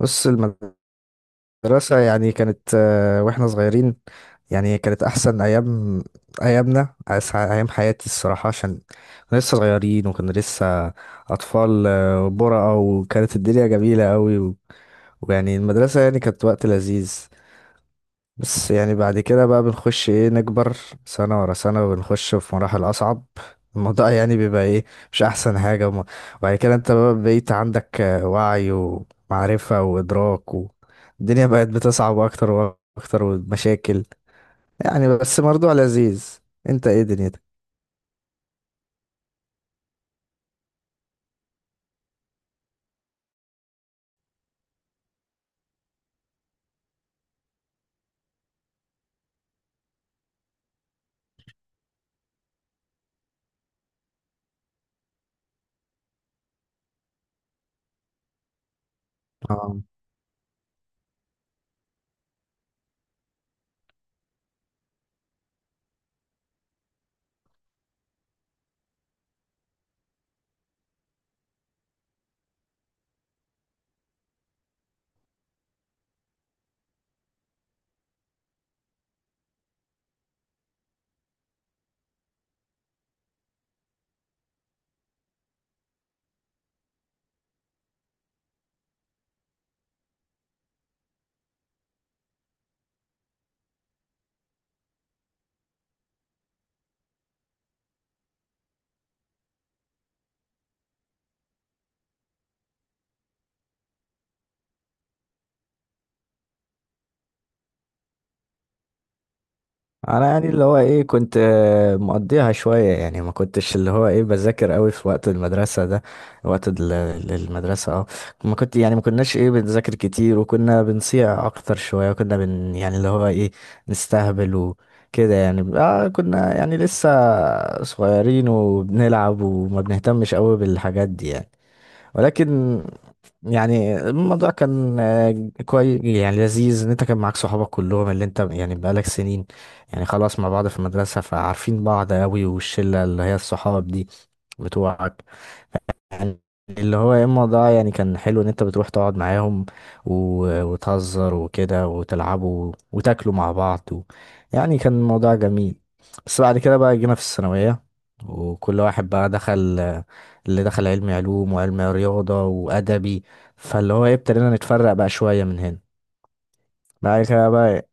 بص المدرسة كانت واحنا صغيرين، يعني كانت أحسن أيام أيام حياتي الصراحة. عشان كنا لسه صغيرين وكنا لسه أطفال، برقة، وكانت الدنيا جميلة أوي ويعني المدرسة يعني كانت وقت لذيذ. بس يعني بعد كده بقى بنخش نكبر سنة ورا سنة، وبنخش في مراحل أصعب. الموضوع يعني بيبقى مش أحسن حاجة. وبعد كده انت بقى بقيت عندك وعي ومعرفة وإدراك، والدنيا بقت بتصعب أكتر وأكتر ومشاكل، يعني بس برضه لذيذ. انت ايه دنيتك؟ انا يعني اللي هو ايه كنت مقضيها شوية، يعني ما كنتش اللي هو ايه بذاكر قوي في وقت المدرسة ده. وقت المدرسة اه ما كنت يعني ما كناش ايه بنذاكر كتير، وكنا بنصيع اكتر شوية، وكنا يعني اللي هو ايه نستهبل وكده. يعني اه كنا يعني لسه صغيرين وبنلعب وما بنهتمش قوي بالحاجات دي يعني. ولكن يعني الموضوع كان كويس يعني لذيذ ان انت كان معاك صحابك كلهم اللي انت يعني بقالك سنين يعني خلاص مع بعض في المدرسة، فعارفين بعض قوي. والشلة اللي هي الصحاب دي بتوعك يعني اللي هو يا اما ده يعني كان حلو ان انت بتروح تقعد معاهم وتهزر وكده وتلعبوا وتاكلوا مع بعض و... يعني كان الموضوع جميل. بس بعد كده بقى جينا في الثانوية، وكل واحد بقى دخل اللي دخل علم علوم وعلم رياضة وأدبي. فاللي هو ايه ابتدينا نتفرق بقى شوية من هنا. بعد كده بقى إيه،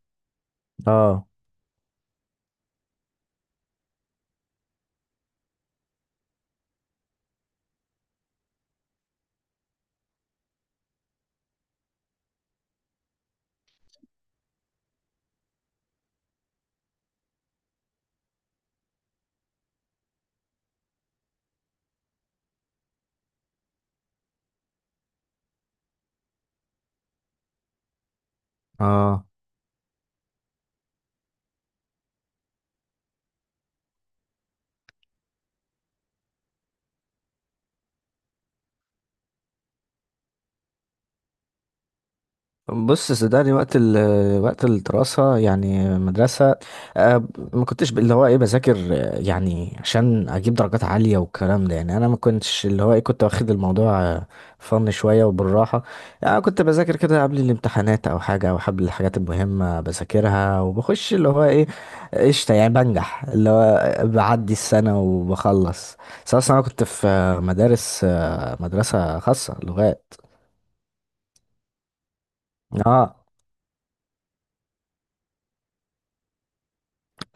اه. اه، بص صدقني وقت وقت الدراسة يعني مدرسة، آه، ما كنتش اللي هو ايه بذاكر يعني عشان اجيب درجات عالية والكلام ده. يعني انا ما كنتش اللي هو ايه كنت واخد الموضوع فن شوية وبالراحة. يعني أنا كنت بذاكر كده قبل الامتحانات او حاجة، او قبل الحاجات المهمة بذاكرها وبخش اللي هو ايه قشطة، يعني بنجح اللي هو بعدي السنة وبخلص. أصل انا كنت في مدارس مدرسة خاصة لغات. اه،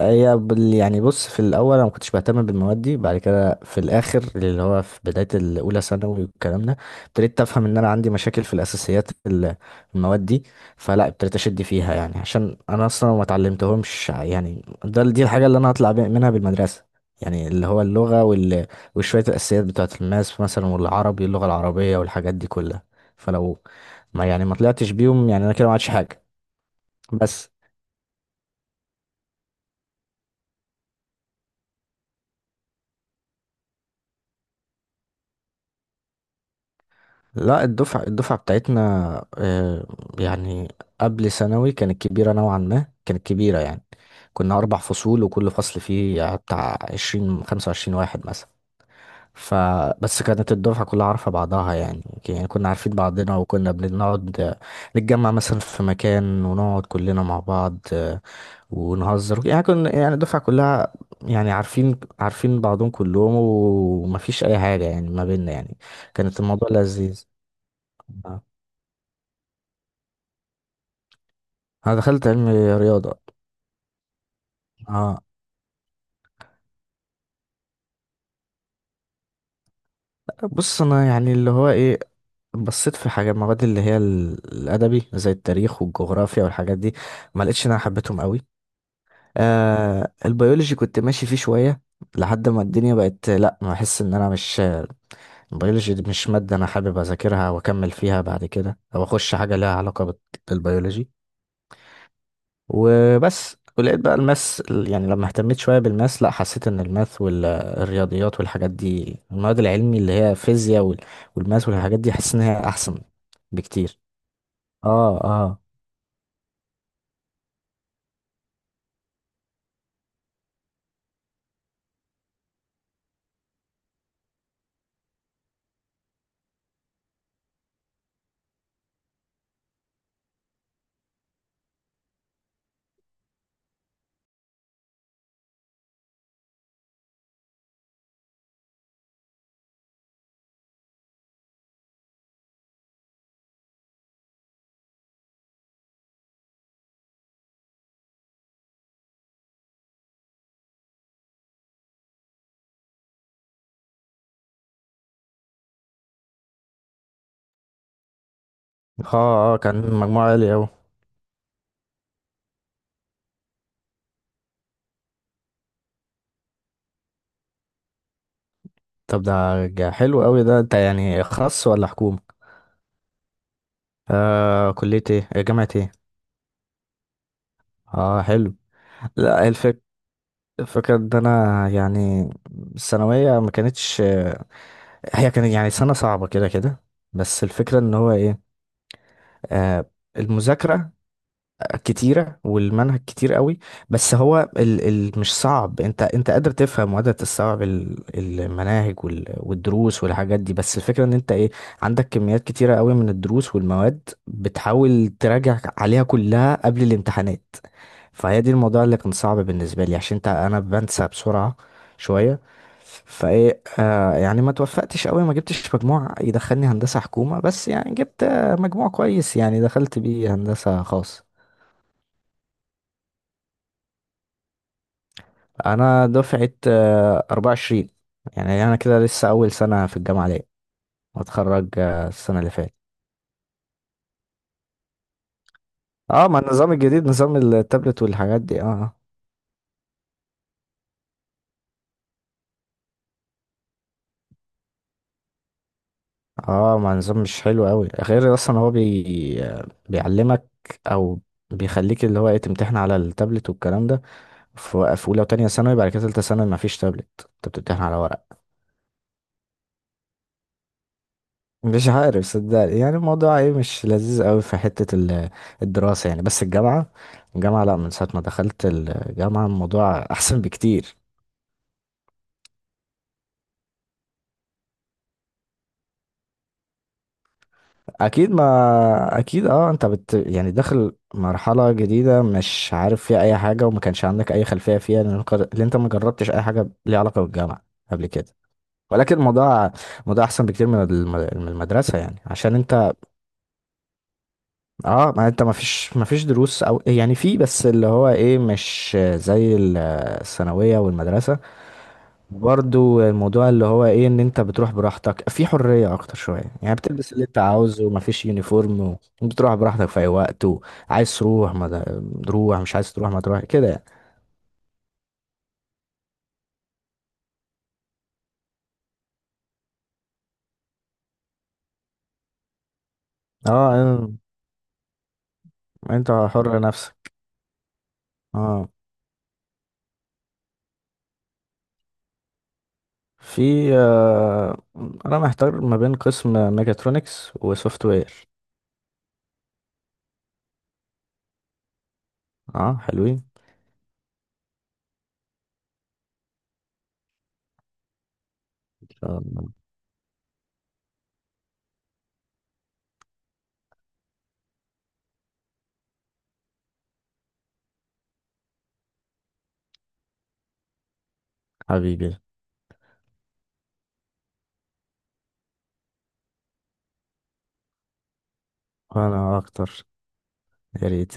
هي يعني بص في الاول انا ما كنتش بهتم بالمواد دي. بعد كده في الاخر اللي هو في بدايه الاولى ثانوي والكلام ده ابتديت افهم ان انا عندي مشاكل في الاساسيات المواد دي. فلا ابتديت اشد فيها، يعني عشان انا اصلا ما اتعلمتهمش. يعني ده دي الحاجه اللي انا هطلع منها بالمدرسه، يعني اللي هو اللغه وال... وشويه الاساسيات بتاعه الماس مثلا، والعربي اللغه العربيه والحاجات دي كلها. فلو ما يعني ما طلعتش بيهم يعني انا كده ما عادش حاجه. بس لا الدفعة بتاعتنا آه، يعني قبل ثانوي كانت كبيرة نوعا ما، كانت كبيرة يعني. كنا أربع فصول، وكل فصل فيه بتاع عشرين خمسة وعشرين واحد مثلا. فبس كانت الدفعة كلها عارفة بعضها يعني. يعني كنا عارفين بعضنا، وكنا بنقعد نتجمع مثلا في مكان ونقعد كلنا مع بعض ونهزر. يعني كنا يعني الدفعة كلها يعني عارفين عارفين بعضهم كلهم، ومفيش أي حاجة يعني ما بيننا يعني. كانت الموضوع لذيذ. آه. انا دخلت علم رياضه. اه، بص انا يعني اللي هو ايه بصيت في حاجه المواد اللي هي الادبي زي التاريخ والجغرافيا والحاجات دي، ما لقيتش ان انا حبيتهم قوي. آه البيولوجي كنت ماشي فيه شويه لحد ما الدنيا بقت لا، ما احس ان انا مش البيولوجي دي مش ماده انا حابب اذاكرها واكمل فيها بعد كده، او اخش حاجه ليها علاقه بالبيولوجي. وبس، ولقيت بقى الماس. يعني لما اهتميت شوية بالماس، لا حسيت ان الماث والرياضيات والحاجات دي، المواد العلمي اللي هي فيزياء والماس والحاجات دي، حاسس ان هي احسن بكتير. اه اه. اه اه، كان مجموعة عالي اوي. طب ده حلو اوي ده. انت يعني خاص ولا حكومة؟ آه كلية ايه؟ جامعة ايه؟ اه حلو. لا الفكرة، الفكرة ان انا يعني الثانوية ما كانتش، هي كانت يعني سنة صعبة كده كده. بس الفكرة ان هو ايه آه، المذاكرة كتيرة والمنهج كتير قوي. بس هو ال مش صعب، انت انت قادر تفهم وقادر تستوعب المناهج والدروس والحاجات دي. بس الفكرة ان انت ايه عندك كميات كتيرة قوي من الدروس والمواد، بتحاول تراجع عليها كلها قبل الامتحانات. فهي دي الموضوع اللي كان صعب بالنسبة لي، عشان انت انا بنسى بسرعة شوية. فايه آه يعني ما توفقتش قوي، ما جبتش مجموع يدخلني هندسة حكومة، بس يعني جبت مجموع كويس يعني دخلت بيه هندسة خاص. انا دفعة 24، يعني انا كده لسه اول سنة في الجامعة ليا، واتخرج السنة اللي فاتت. اه، ما النظام الجديد نظام التابلت والحاجات دي اه. اه ما النظام مش حلو قوي غير اصلا هو بي... بيعلمك او بيخليك اللي هو ايه تمتحن على التابلت والكلام ده في في اولى وتانية ثانوي. بعد كده تالتة ثانوي ما فيش تابلت، انت بتمتحن على ورق. مش عارف صدقني يعني الموضوع ايه مش لذيذ قوي في حتة الدراسة يعني. بس الجامعة، الجامعة لا، من ساعة ما دخلت الجامعة الموضوع احسن بكتير. اكيد، ما اكيد اه، انت بت يعني داخل مرحلة جديدة مش عارف فيها اي حاجة، وما كانش عندك اي خلفية فيها، لان لأن انت ما جربتش اي حاجة ليها علاقة بالجامعة قبل كده. ولكن الموضوع موضوع احسن بكتير من من المدرسة، يعني عشان انت اه ما انت ما فيش ما فيش دروس. او يعني في، بس اللي هو ايه مش زي الثانوية والمدرسة. برضو الموضوع اللي هو ايه ان انت بتروح براحتك، في حرية اكتر شوية يعني، بتلبس اللي انت عاوزه وما فيش يونيفورم. وبتروح براحتك في اي وقت، وعايز تروح ما د- تروح، مش عايز تروح ما تروح كده يعني. اه، انت حر نفسك. اه. في آه، انا محتار ما بين قسم ميكاترونكس وسوفت وير. اه حلوين، ان شاء الله. حبيبي. انا اكتر، يا ريت.